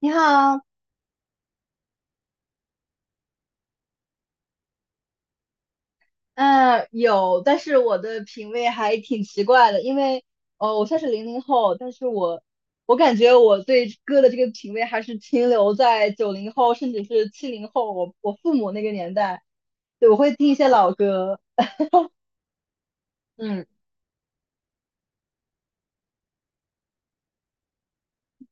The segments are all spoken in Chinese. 你好。嗯，有，但是我的品味还挺奇怪的，因为，哦，我算是零零后，但是我，感觉我对歌的这个品味还是停留在九零后，甚至是七零后，我父母那个年代，对，我会听一些老歌。嗯，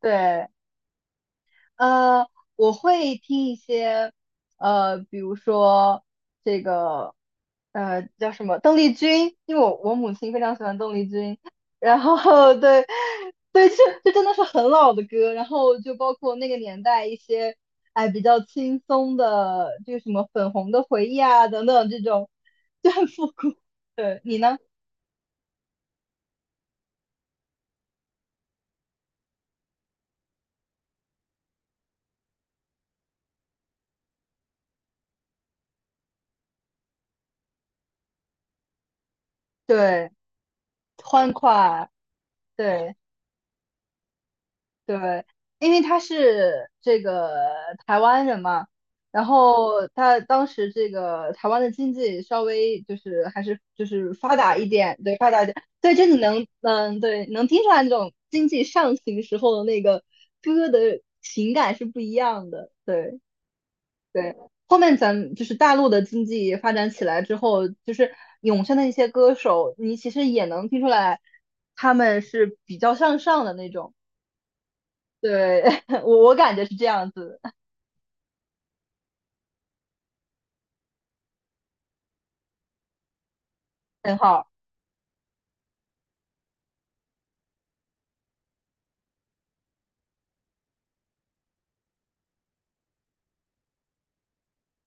对，呃，我会听一些，比如说这个，叫什么邓丽君，因为我母亲非常喜欢邓丽君，然后 对，对，这真的是很老的歌，然后就包括那个年代一些，哎，比较轻松的，这个什么粉红的回忆啊等等这种，就很复古。对，你呢？对，欢快，对。对，因为他是这个台湾人嘛，然后他当时这个台湾的经济稍微就是还是就是发达一点，对，发达一点，对，真的能，对，能听出来那种经济上行时候的那个歌的情感是不一样的，对对。后面咱们就是大陆的经济发展起来之后，就是涌现的一些歌手，你其实也能听出来他们是比较向上的那种。对，我感觉是这样子，很好。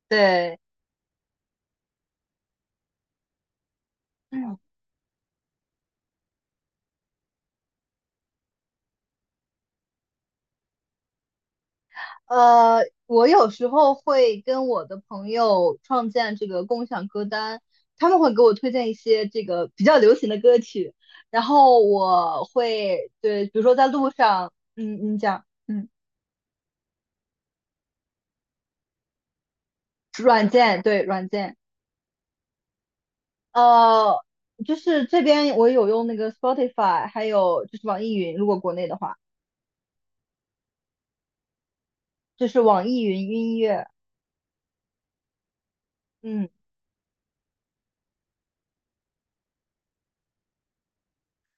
对，嗯，呃，我有时候会跟我的朋友创建这个共享歌单，他们会给我推荐一些这个比较流行的歌曲，然后我会对，比如说在路上，你讲。嗯，软件，对，软件。呃，就是这边我有用那个 Spotify，还有就是网易云，如果国内的话，就是网易云音乐。嗯，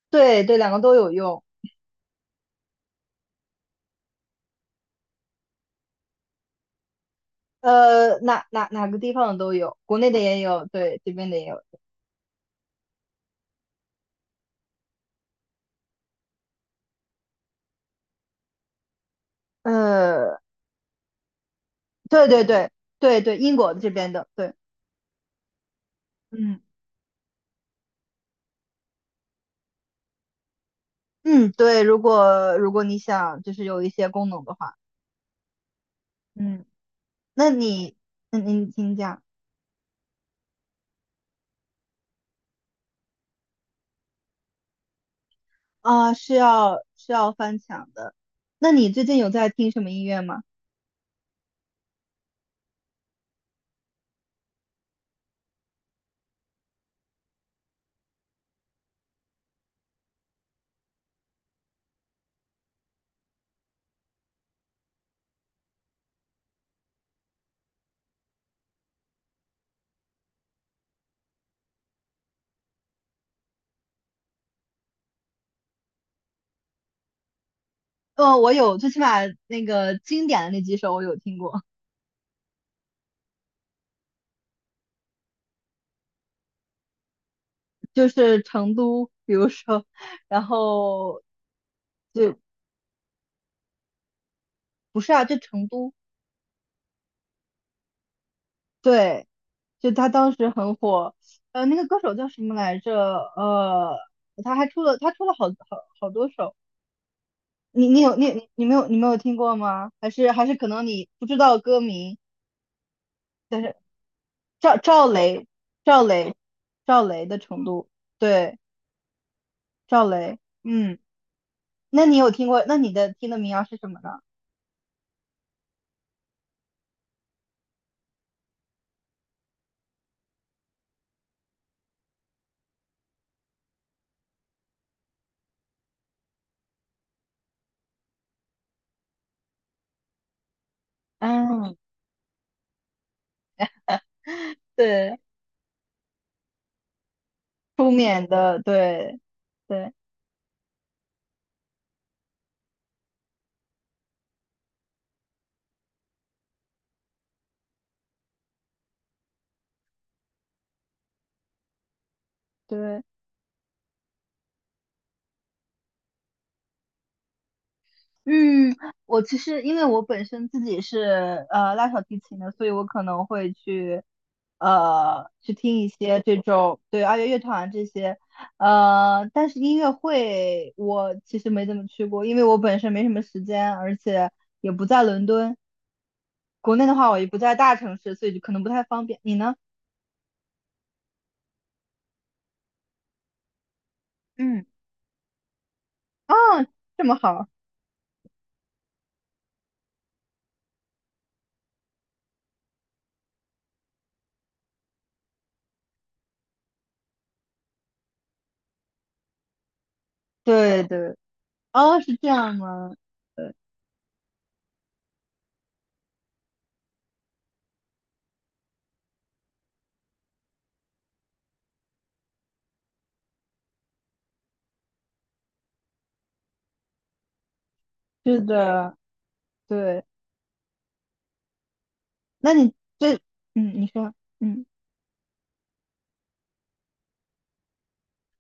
对对，两个都有用。哪个地方的都有，国内的也有，对，这边的也有。呃，对对对对对，英国这边的，对，嗯嗯，对。如果如果你想就是有一些功能的话，嗯，那你，请讲。啊，是要翻墙的。那你最近有在听什么音乐吗？我有，最起码那个经典的那几首我有听过，就是成都，比如说，然后就不是啊，就成都，对。就他当时很火。那个歌手叫什么来着？呃，他还出了好多首，你你有你你没有你没有听过吗？还是可能你不知道歌名。但是赵赵雷赵雷赵雷的程度，对赵雷。嗯，那你有听过？那你的听的民谣是什么呢？嗯，对，出缅的，对对对。嗯，我其实因为我本身自己是拉小提琴的，所以我可能会去去听一些这种对二月乐团啊这些。但是音乐会我其实没怎么去过，因为我本身没什么时间，而且也不在伦敦，国内的话我也不在大城市，所以就可能不太方便。你呢？嗯，啊，这么好，对对。哦，是这样吗？对，是的，对，那你这，你说。嗯。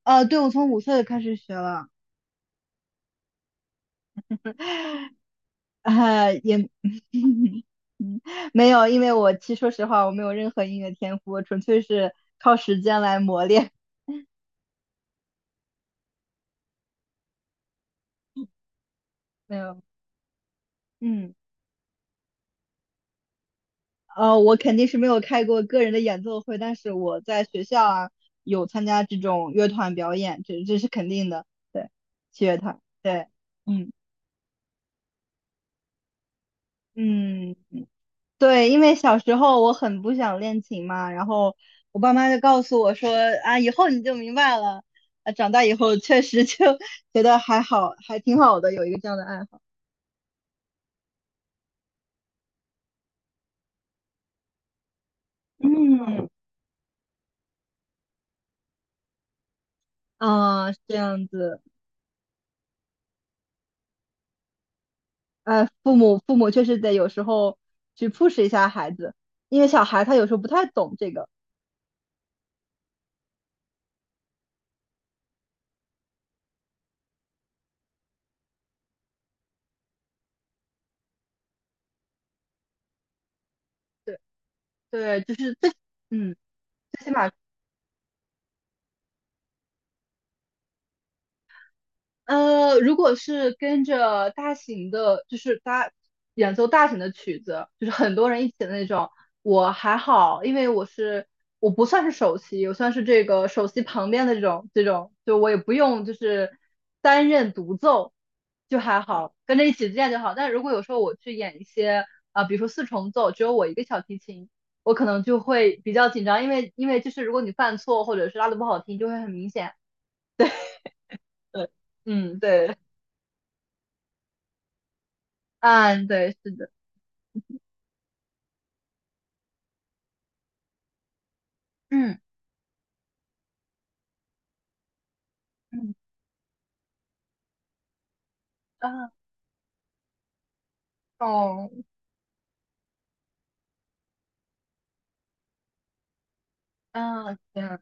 对，我从五岁开始学了。呃，也，嗯，没有，因为我其实说实话，我没有任何音乐天赋，我纯粹是靠时间来磨练。没有。嗯，我肯定是没有开过个人的演奏会，但是我在学校啊有参加这种乐团表演，这是肯定的，对，器乐团，对，嗯嗯。对，因为小时候我很不想练琴嘛，然后我爸妈就告诉我说啊，以后你就明白了。啊，长大以后确实就 觉得还好，还挺好的，有一个这样的爱好。嗯，啊，是这样子，哎，父母确实得有时候去 push 一下孩子，因为小孩他有时候不太懂这个。对对，就是最，嗯，最起码。如果是跟着大型的，就是大演奏大型的曲子，就是很多人一起的那种，我还好，因为我是，不算是首席，我算是这个首席旁边的这种，就我也不用就是担任独奏，就还好，跟着一起练就好。但如果有时候我去演一些啊、比如说四重奏，只有我一个小提琴，我可能就会比较紧张，因为就是如果你犯错或者是拉的不好听，就会很明显。对，嗯，对。嗯，对，是的，嗯嗯，啊，哦，啊，这样，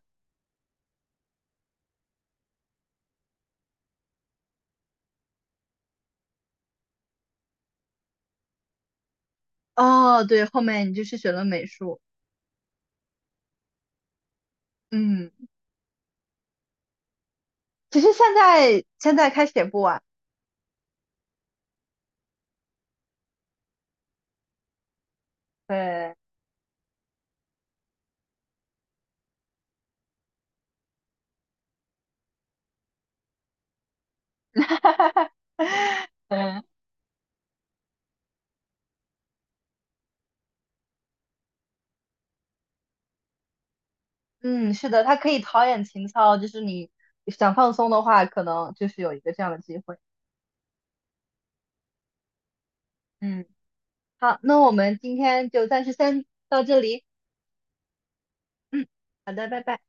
哦，对，后面你就是学了美术。嗯，其实现在开始也不晚，对，嗯，嗯，是的，它可以陶冶情操，就是你想放松的话，可能就是有一个这样的机会。嗯，好，那我们今天就暂时先到这里。嗯，好的，拜拜。